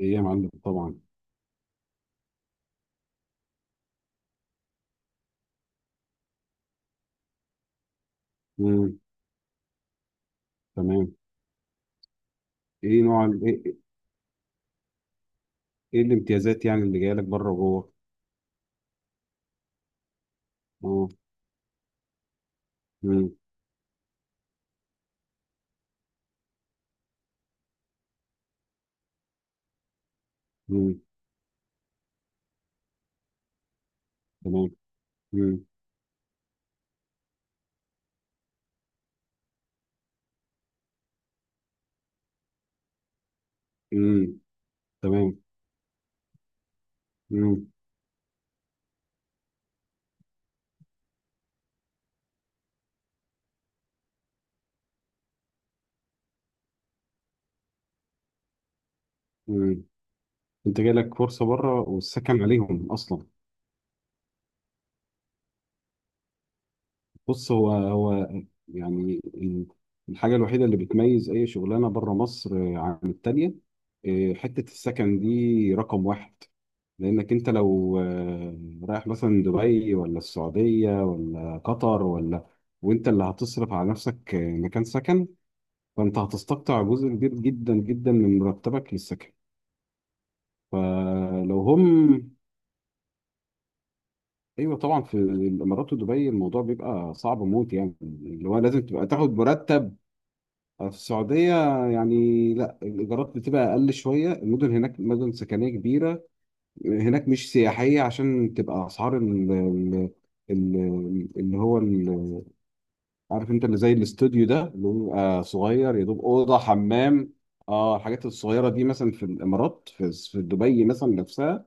ايه يا معلم، طبعا. مم. تمام. ايه نوع ال- ايه ايه إيه الامتيازات، يعني اللي جايه لك بره وجوه؟ اه. مم. مم. تمام. مم. مم. تمام. مم. مم. انت جاي لك فرصه بره والسكن عليهم اصلا؟ بص، هو يعني الحاجة الوحيدة اللي بتميز أي شغلانة بره مصر عن التانية، حتة السكن دي رقم واحد. لأنك أنت لو رايح مثلا دبي ولا السعودية ولا قطر ولا، وأنت اللي هتصرف على نفسك مكان سكن، فأنت هتستقطع جزء كبير جدا جدا من مرتبك للسكن. فلو هم، ايوه طبعا في الامارات ودبي الموضوع بيبقى صعب موت، يعني اللي هو لازم تبقى تاخد مرتب. في السعودية، يعني لا، الإيجارات بتبقى أقل شوية. المدن هناك مدن سكنية كبيرة، هناك مش سياحية عشان تبقى أسعار ال- اللي هو ال- عارف أنت اللي زي الاستوديو ده اللي هو بيبقى صغير يا دوب أوضة حمام. اه، الحاجات الصغيرة دي مثلا في الإمارات، في دبي مثلا نفسها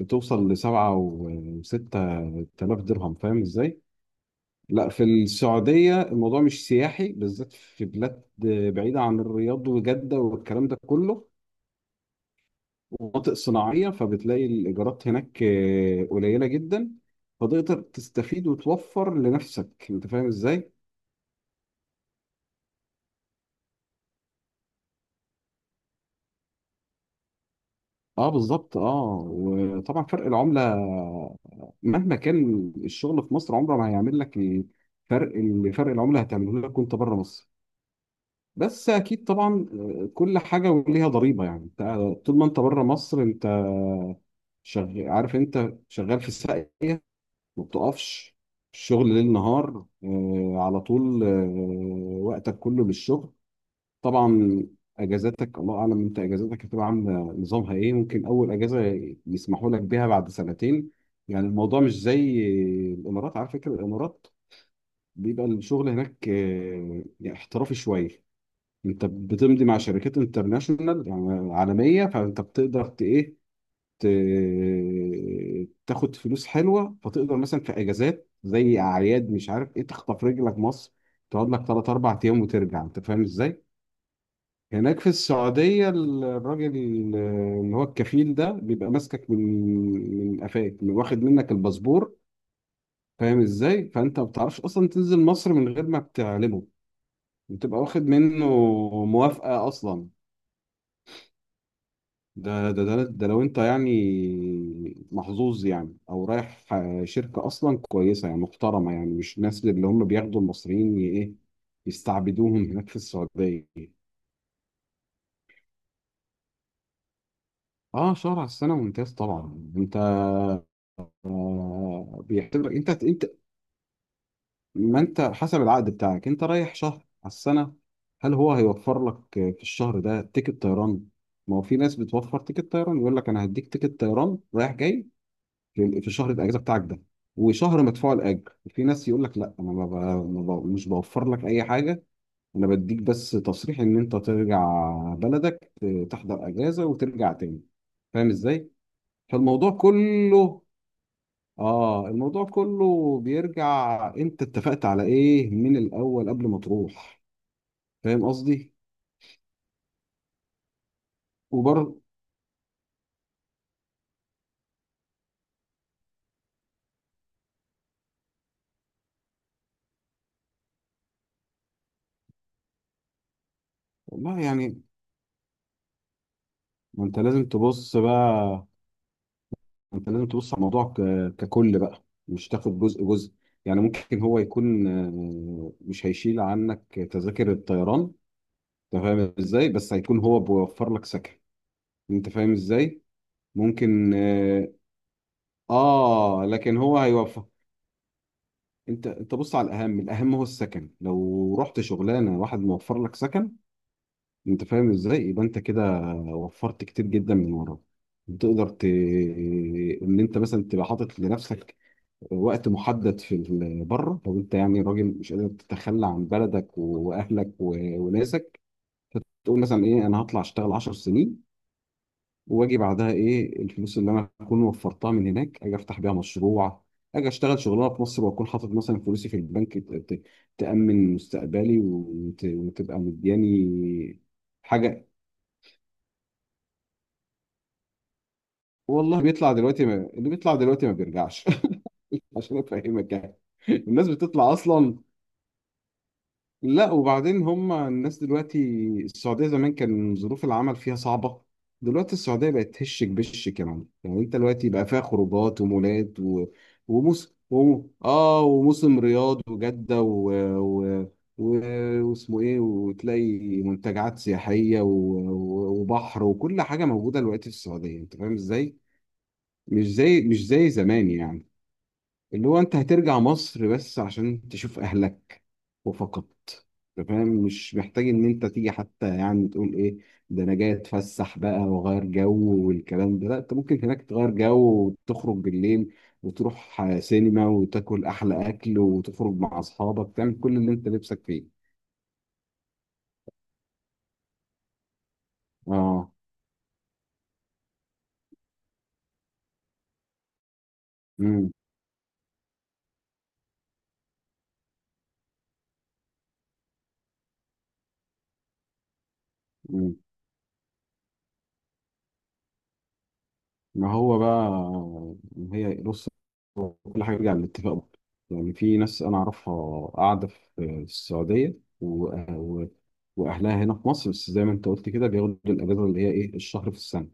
بتوصل ل6 أو 7 آلاف درهم، فاهم إزاي؟ لا، في السعودية الموضوع مش سياحي، بالذات في بلاد بعيدة عن الرياض وجدة والكلام ده كله، ومناطق صناعية، فبتلاقي الإيجارات هناك قليلة جدا. فتقدر تستفيد وتوفر لنفسك. أنت فاهم إزاي؟ اه، بالظبط. اه، وطبعا فرق العملة مهما كان الشغل في مصر عمره ما هيعمل لك الفرق اللي فرق العملة هتعمله لك وانت بره مصر. بس اكيد طبعا، كل حاجة وليها ضريبة، يعني طول ما انت بره مصر، انت شغال. عارف انت شغال في الساقية، ما بتقفش. الشغل ليل نهار، على طول، وقتك كله للشغل، طبعا. اجازاتك الله اعلم، انت اجازاتك هتبقى عامله نظامها ايه. ممكن اول اجازه يسمحوا لك بيها بعد سنتين. يعني الموضوع مش زي الامارات. على فكره الامارات بيبقى الشغل هناك يعني احترافي شويه. انت بتمضي مع شركات انترناشونال، يعني عالميه، فانت بتقدر ت- تاخد فلوس حلوه. فتقدر مثلا في اجازات زي اعياد، مش عارف ايه، تخطف رجلك مصر، تقعد لك 3 أو 4 ايام وترجع. انت فاهم ازاي؟ هناك في السعوديه الراجل اللي هو الكفيل ده بيبقى ماسكك من قفاك، واخد منك الباسبور. فاهم ازاي؟ فانت ما بتعرفش اصلا تنزل مصر من غير ما بتعلمه. بتبقى واخد منه موافقه اصلا. ده لو انت يعني محظوظ، يعني او رايح شركه اصلا كويسه، يعني محترمه، يعني مش الناس اللي هم بياخدوا المصريين ي- ايه يستعبدوهم هناك في السعوديه. اه، شهر على السنه ممتاز، طبعا. انت بيعتبرك انت ما انت حسب العقد بتاعك انت رايح شهر على السنه. هل هو هيوفر لك في الشهر ده تيكت طيران؟ ما هو في ناس بتوفر تيكت طيران، يقول لك انا هديك تيكت طيران رايح جاي في شهر الاجازه بتاعك ده، وشهر مدفوع الاجر. في ناس يقول لك لا، انا ما ب... مش بوفر لك اي حاجه. انا بديك بس تصريح ان انت ترجع بلدك، تحضر اجازه وترجع تاني، فاهم ازاي؟ فالموضوع كله اه الموضوع كله بيرجع، انت اتفقت على ايه من الاول قبل ما تروح؟ فاهم قصدي؟ وبرضه، والله يعني، ما انت لازم تبص بقى. انت لازم تبص على الموضوع ككل بقى، مش تاخد جزء جزء. يعني ممكن هو يكون مش هيشيل عنك تذاكر الطيران، انت فاهم ازاي؟ بس هيكون هو بيوفر لك سكن، انت فاهم ازاي؟ ممكن، اه. لكن هو هيوفر. انت بص على الاهم. الاهم هو السكن. لو رحت شغلانه واحد موفر لك سكن، انت فاهم ازاي؟ يبقى انت كده وفرت كتير جدا من وراك. تقدر ان انت مثلا تبقى حاطط لنفسك وقت محدد في بره. لو انت يعني راجل مش قادر تتخلى عن بلدك واهلك وناسك، تقول مثلا ايه، انا هطلع اشتغل 10 سنين واجي بعدها. ايه الفلوس اللي انا اكون وفرتها من هناك، اجي افتح بيها مشروع، اجي اشتغل شغلانه في مصر واكون حاطط مثلا فلوسي في البنك، تامن مستقبلي، وتبقى مدياني حاجه. والله بيطلع دلوقتي ما... اللي بيطلع دلوقتي ما بيرجعش عشان افهمك، يعني. الناس بتطلع اصلا. لا، وبعدين هم الناس دلوقتي. السعودية زمان كان ظروف العمل فيها صعبة. دلوقتي السعودية بقت هشك بش كمان. يعني انت دلوقتي بقى فيها خروجات ومولات و... وموس و... اه وموسم رياض وجدة و... و... واسمه ايه، وتلاقي منتجعات سياحية وبحر وكل حاجة موجودة دلوقتي في السعودية، انت فاهم ازاي؟ مش زي زمان، يعني. اللي هو انت هترجع مصر بس عشان تشوف اهلك وفقط، فاهم. مش محتاج ان انت تيجي حتى، يعني تقول ايه، ده انا جاي اتفسح بقى واغير جو والكلام ده. لا، انت ممكن هناك تغير جو وتخرج بالليل وتروح سينما وتاكل احلى اكل وتخرج مع اصحابك، تعمل كل اللي انت نفسك فيه. اه. امم ما هو بقى، هي بص، هو كل حاجة بيرجع للاتفاق برضه. يعني في ناس أنا أعرفها قاعدة في السعودية، و... و... وأهلها هنا في مصر، بس زي ما أنت قلت كده، بياخدوا الأجازة اللي هي إيه، الشهر في السنة.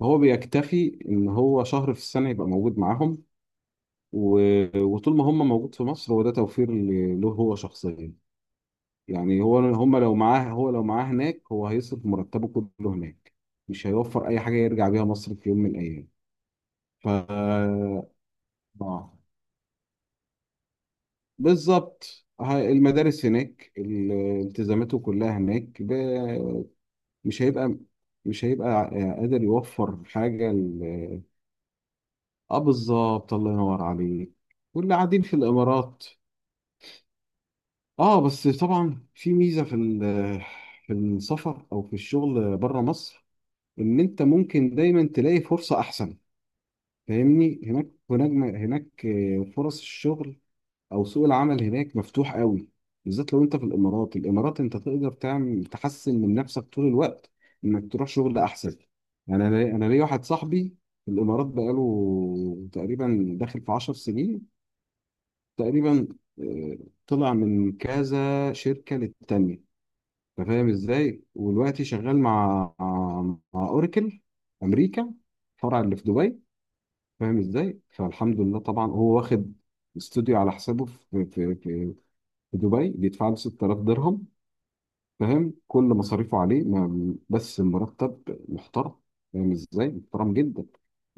فهو بيكتفي إن هو شهر في السنة يبقى موجود معاهم، و... وطول ما هم موجود في مصر، هو ده توفير له هو شخصيا. يعني هو لو معاه هناك، هو هيصرف مرتبه كله هناك. مش هيوفر أي حاجة يرجع بيها مصر في يوم من الأيام. ف اه بالظبط. المدارس هناك التزاماته كلها هناك، مش هيبقى مش هيبقى قادر يوفر حاجة اه، بالظبط، الله ينور عليك. واللي قاعدين في الإمارات، اه، بس طبعا في ميزة في في السفر أو في الشغل بره مصر، إن أنت ممكن دايما تلاقي فرصة أحسن، فاهمني؟ هناك فرص الشغل، او سوق العمل هناك مفتوح قوي، بالذات لو انت في الامارات. الامارات انت تقدر تعمل تحسن من نفسك طول الوقت، انك تروح شغل احسن. يعني انا ليا واحد صاحبي في الامارات بقاله تقريبا داخل في 10 سنين تقريبا. آه، طلع من كذا شركة للتانية، انت فاهم ازاي؟ ودلوقتي شغال مع اوراكل امريكا، فرع اللي في دبي، فاهم ازاي؟ فالحمد لله طبعا، هو واخد استوديو على حسابه في دبي، بيدفع له 6000 درهم، فاهم؟ كل مصاريفه عليه، بس مرتب محترم، فاهم ازاي؟ محترم جدا.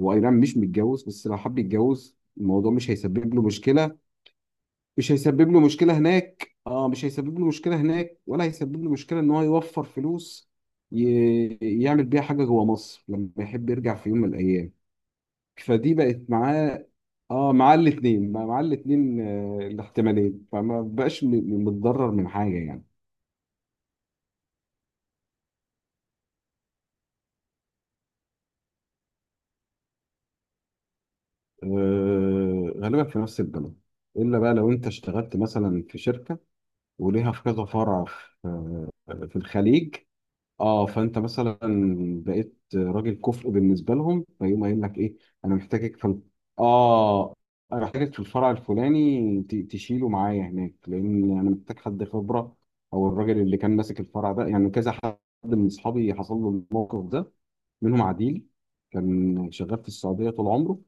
هو اي نعم مش متجوز، بس لو حب يتجوز الموضوع مش هيسبب له مشكله. مش هيسبب له مشكله هناك. اه، مش هيسبب له مشكله هناك، ولا هيسبب له مشكله ان هو يوفر فلوس ي... يعمل بيها حاجه جوه مصر لما يحب يرجع في يوم من الايام. فدي بقت معاه، اه. معاه الاثنين، معاه الاثنين، الاحتمالين، فما بقاش متضرر من حاجه، يعني. غالبا في نفس البلد. الا بقى لو انت اشتغلت مثلا في شركه وليها في كذا فرع في الخليج. اه، فانت مثلا بقيت راجل كفء بالنسبه لهم، فيقوم قايل لك ايه، انا محتاجك في ال- اه انا محتاجك في الفرع الفلاني، تشيله معايا هناك لان انا محتاج حد خبره، او الراجل اللي كان ماسك الفرع ده. يعني كذا حد من اصحابي حصل له الموقف ده، منهم عديل كان شغال في السعوديه طول عمره،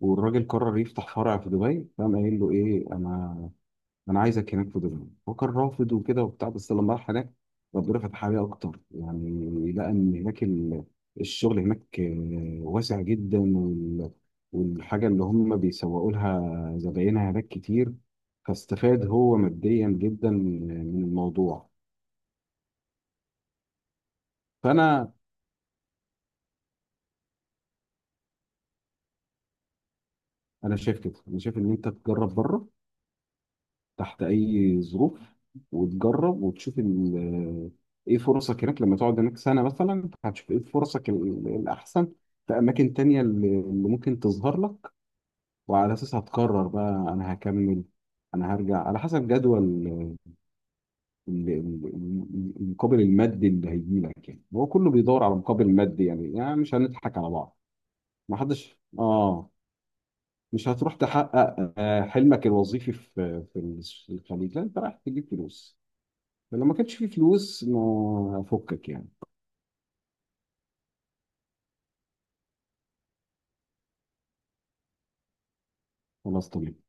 والراجل قرر يفتح فرع في دبي، فقام قايل له ايه، انا عايزك هناك في دبي. هو كان رافض وكده وبتاع، بس لما راح هناك ربنا فتح عليه اكتر يعني. لقى ان هناك الشغل هناك واسع جدا، والحاجه اللي هم بيسوقوا لها زباينها هناك كتير، فاستفاد هو ماديا جدا من الموضوع. فانا انا شايف كده انا شايف ان انت تجرب بره، تحت اي ظروف. وتجرب وتشوف ال- ايه فرصك هناك، لما تقعد هناك سنه مثلا هتشوف ايه فرصك الاحسن في اماكن تانية اللي ممكن تظهر لك. وعلى اساسها هتقرر بقى، انا هكمل انا هرجع، على حسب جدول المقابل المادي اللي هيجي لك. يعني هو كله بيدور على مقابل مادي، يعني مش هنضحك على بعض. ما حدش. اه، مش هتروح تحقق حلمك الوظيفي في الخليج. لا، انت رايح تجيب فلوس، لما كانش فيه فلوس ما فكك يعني. خلاص، طبيعي.